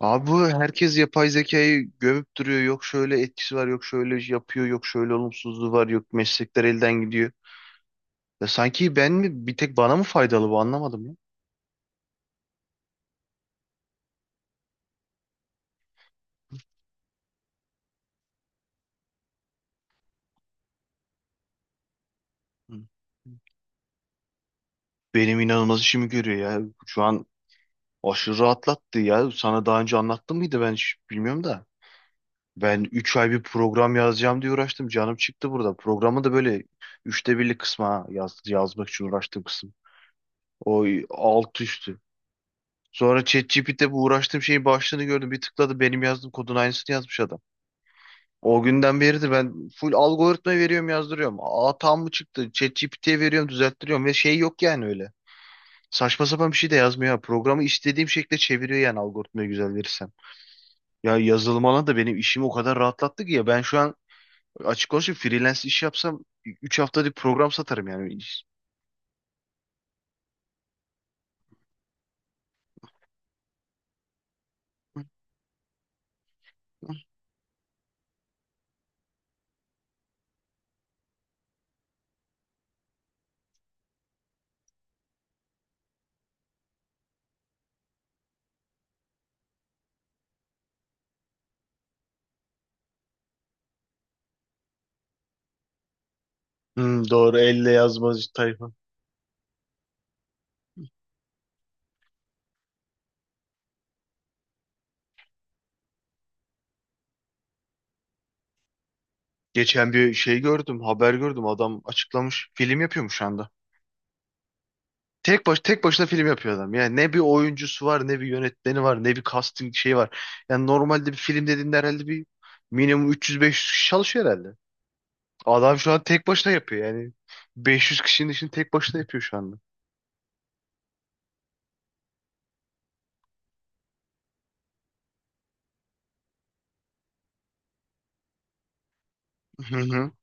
Abi bu herkes yapay zekayı gömüp duruyor. Yok şöyle etkisi var, yok şöyle yapıyor, yok şöyle olumsuzluğu var, yok meslekler elden gidiyor. Ya sanki ben mi bir tek bana mı faydalı bu anlamadım ya. Hı. Benim inanılmaz işimi görüyor ya. Şu an aşırı rahatlattı ya. Sana daha önce anlattım mıydı ben hiç bilmiyorum da. Ben 3 ay bir program yazacağım diye uğraştım. Canım çıktı burada. Programı da böyle üçte birlik kısma yaz, yazmak için uğraştığım kısım. O alt üst. Sonra ChatGPT'de bu uğraştığım şeyin başlığını gördüm. Bir tıkladı benim yazdığım kodun aynısını yazmış adam. O günden beri de ben full algoritma veriyorum yazdırıyorum. Hata mı çıktı? ChatGPT'ye veriyorum düzelttiriyorum ve şey yok yani öyle. Saçma sapan bir şey de yazmıyor. Ha. Programı istediğim şekilde çeviriyor yani algoritmayı güzel verirsem. Ya yazılım alanı da benim işimi o kadar rahatlattı ki ya ben şu an açık konuşayım freelance iş yapsam 3 haftada bir program satarım yani. Doğru elle yazmaz tayfa. Geçen bir şey gördüm, haber gördüm. Adam açıklamış. Film yapıyormuş şu anda. Tek başına film yapıyor adam. Yani ne bir oyuncusu var, ne bir yönetmeni var, ne bir casting şeyi var. Yani normalde bir film dediğinde herhalde bir minimum 300-500 kişi çalışıyor herhalde. Adam şu an tek başına yapıyor yani. 500 kişinin işini tek başına yapıyor şu anda.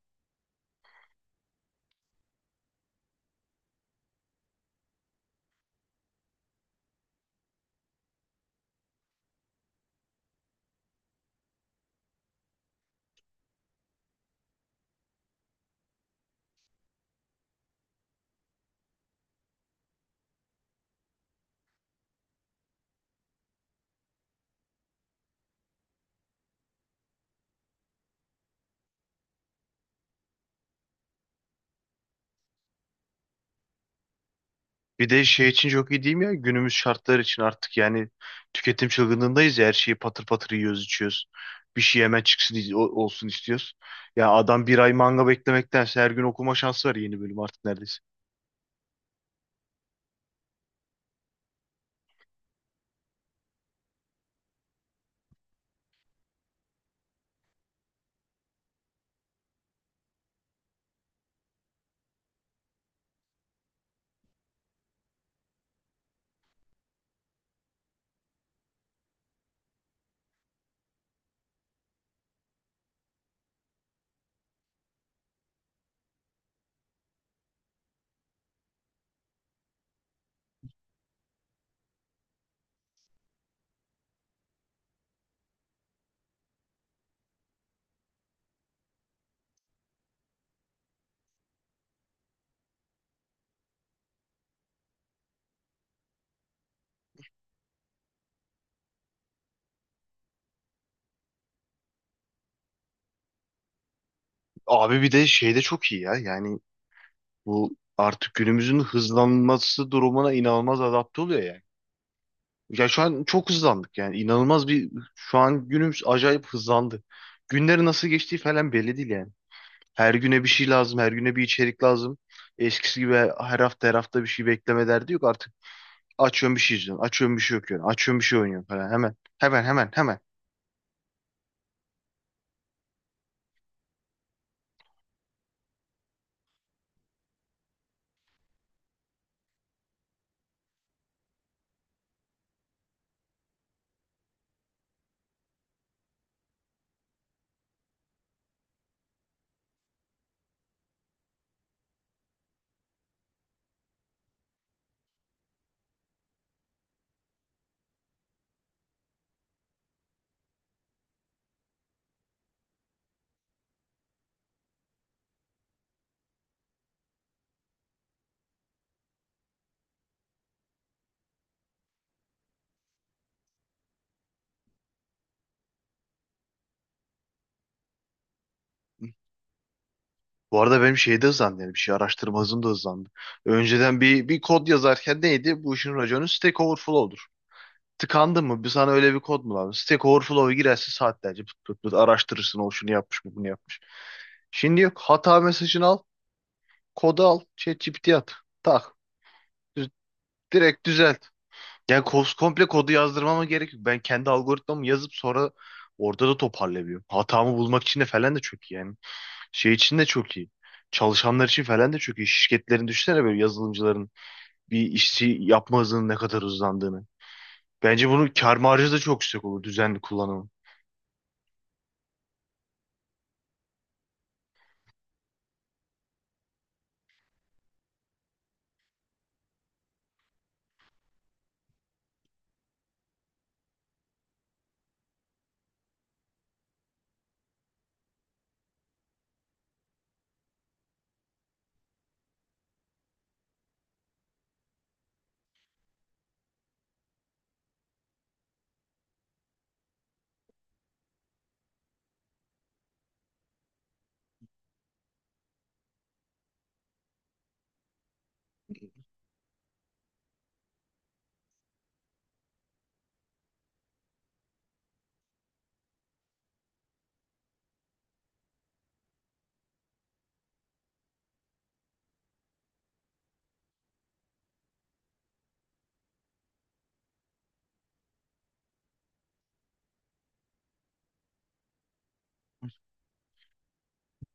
Bir de şey için çok iyi değil mi ya? Günümüz şartları için artık yani tüketim çılgınlığındayız ya. Her şeyi patır patır yiyoruz, içiyoruz. Bir şey hemen çıksın olsun istiyoruz. Ya adam bir ay manga beklemektense her gün okuma şansı var yeni bölüm artık neredeyse. Abi bir de şey de çok iyi ya. Yani bu artık günümüzün hızlanması durumuna inanılmaz adapte oluyor yani. Ya şu an çok hızlandık yani. İnanılmaz bir şu an günümüz acayip hızlandı. Günleri nasıl geçtiği falan belli değil yani. Her güne bir şey lazım, her güne bir içerik lazım. Eskisi gibi her hafta her hafta bir şey bekleme derdi yok. Artık açıyorum bir şey izliyorum, açıyorum bir şey okuyorum, açıyorum bir şey oynuyorum falan. Hemen, hemen, hemen, hemen. Bu arada benim şey de hızlandı yani bir şey araştırma hızım da hızlandı. Önceden bir kod yazarken neydi? Bu işin raconu Stack Overflow'dur. Tıkandın mı? Bir sana öyle bir kod mu lazım? Stack Overflow'a girersin saatlerce pıt pıt pıt araştırırsın. O şunu yapmış mı bunu yapmış. Şimdi yok. Hata mesajını al. Kodu al. ChatGPT'ye at. Tak. Düz- direkt düzelt. Yani komple kodu yazdırmama gerek yok. Ben kendi algoritmamı yazıp sonra orada da toparlayabiliyorum. Hatamı bulmak için de falan da çok iyi yani. Şey için de çok iyi. Çalışanlar için falan da çok iyi. Şirketlerin düşünsene böyle yazılımcıların bir işi yapma hızının ne kadar hızlandığını. Bence bunun kâr marjı da çok yüksek olur düzenli kullanımı.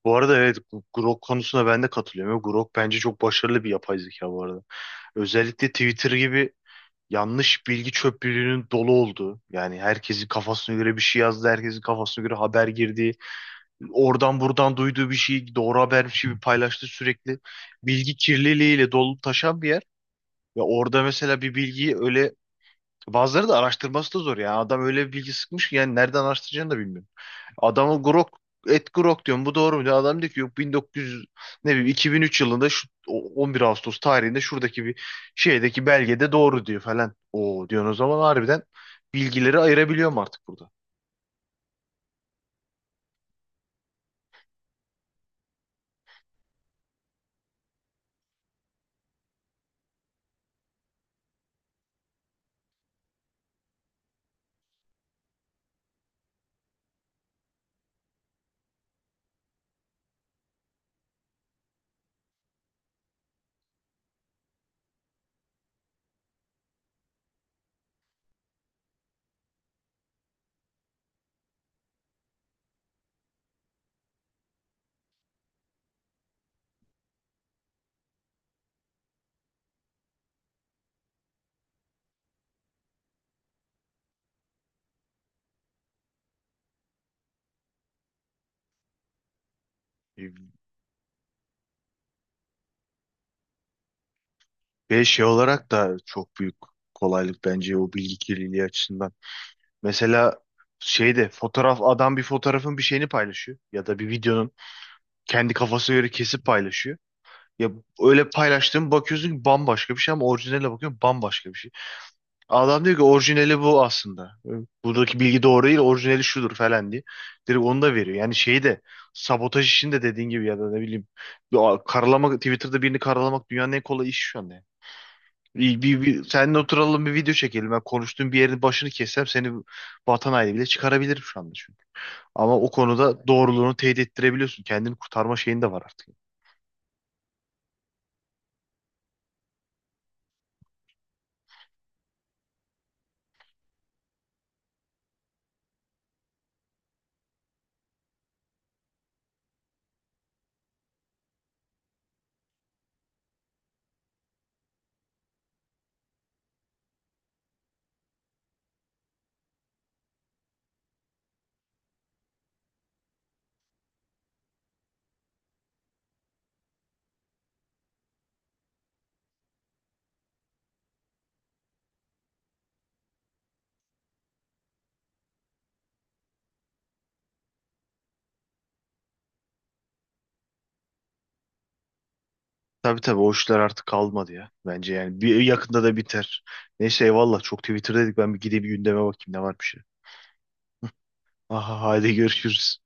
Bu arada evet bu Grok konusuna ben de katılıyorum. Grok bence çok başarılı bir yapay zeka bu arada. Özellikle Twitter gibi yanlış bilgi çöplülüğünün dolu olduğu yani herkesin kafasına göre bir şey yazdı herkesin kafasına göre haber girdiği oradan buradan duyduğu bir şeyi doğru habermiş gibi paylaştı sürekli bilgi kirliliğiyle dolup taşan bir yer ve orada mesela bir bilgiyi öyle bazıları da araştırması da zor yani adam öyle bir bilgi sıkmış ki yani nereden araştıracağını da bilmiyor. Adamı Grok et Grok diyorum. Bu doğru mu? Diyor. Adam diyor ki yok 1900 ne bileyim 2003 yılında şu 11 Ağustos tarihinde şuradaki bir şeydeki belgede doğru diyor falan. O diyorsun o zaman harbiden bilgileri ayırabiliyorum artık burada. E, Ve şey olarak da çok büyük kolaylık bence o bilgi kirliliği açısından. Mesela şeyde fotoğraf adam bir fotoğrafın bir şeyini paylaşıyor ya da bir videonun kendi kafasına göre kesip paylaşıyor. Ya öyle paylaştığım bakıyorsun ki bambaşka bir şey ama orijinale bakıyorum bambaşka bir şey. Adam diyor ki orijinali bu aslında. Buradaki bilgi doğru değil, orijinali şudur falan diye. Direkt onu da veriyor. Yani şeyi de sabotaj işini de dediğin gibi ya da ne bileyim ya karalamak Twitter'da birini karalamak dünyanın en kolay işi şu anda. Yani. Seninle oturalım bir video çekelim. Ben konuştuğum bir yerin başını kessem seni vatan haini bile çıkarabilirim şu anda çünkü. Ama o konuda doğruluğunu teyit ettirebiliyorsun. Kendini kurtarma şeyin de var artık. Tabii tabii o işler artık kalmadı ya. Bence yani bir yakında da biter. Neyse eyvallah çok Twitter dedik ben bir gideyim bir gündeme bakayım ne varmış. Aha, hadi görüşürüz.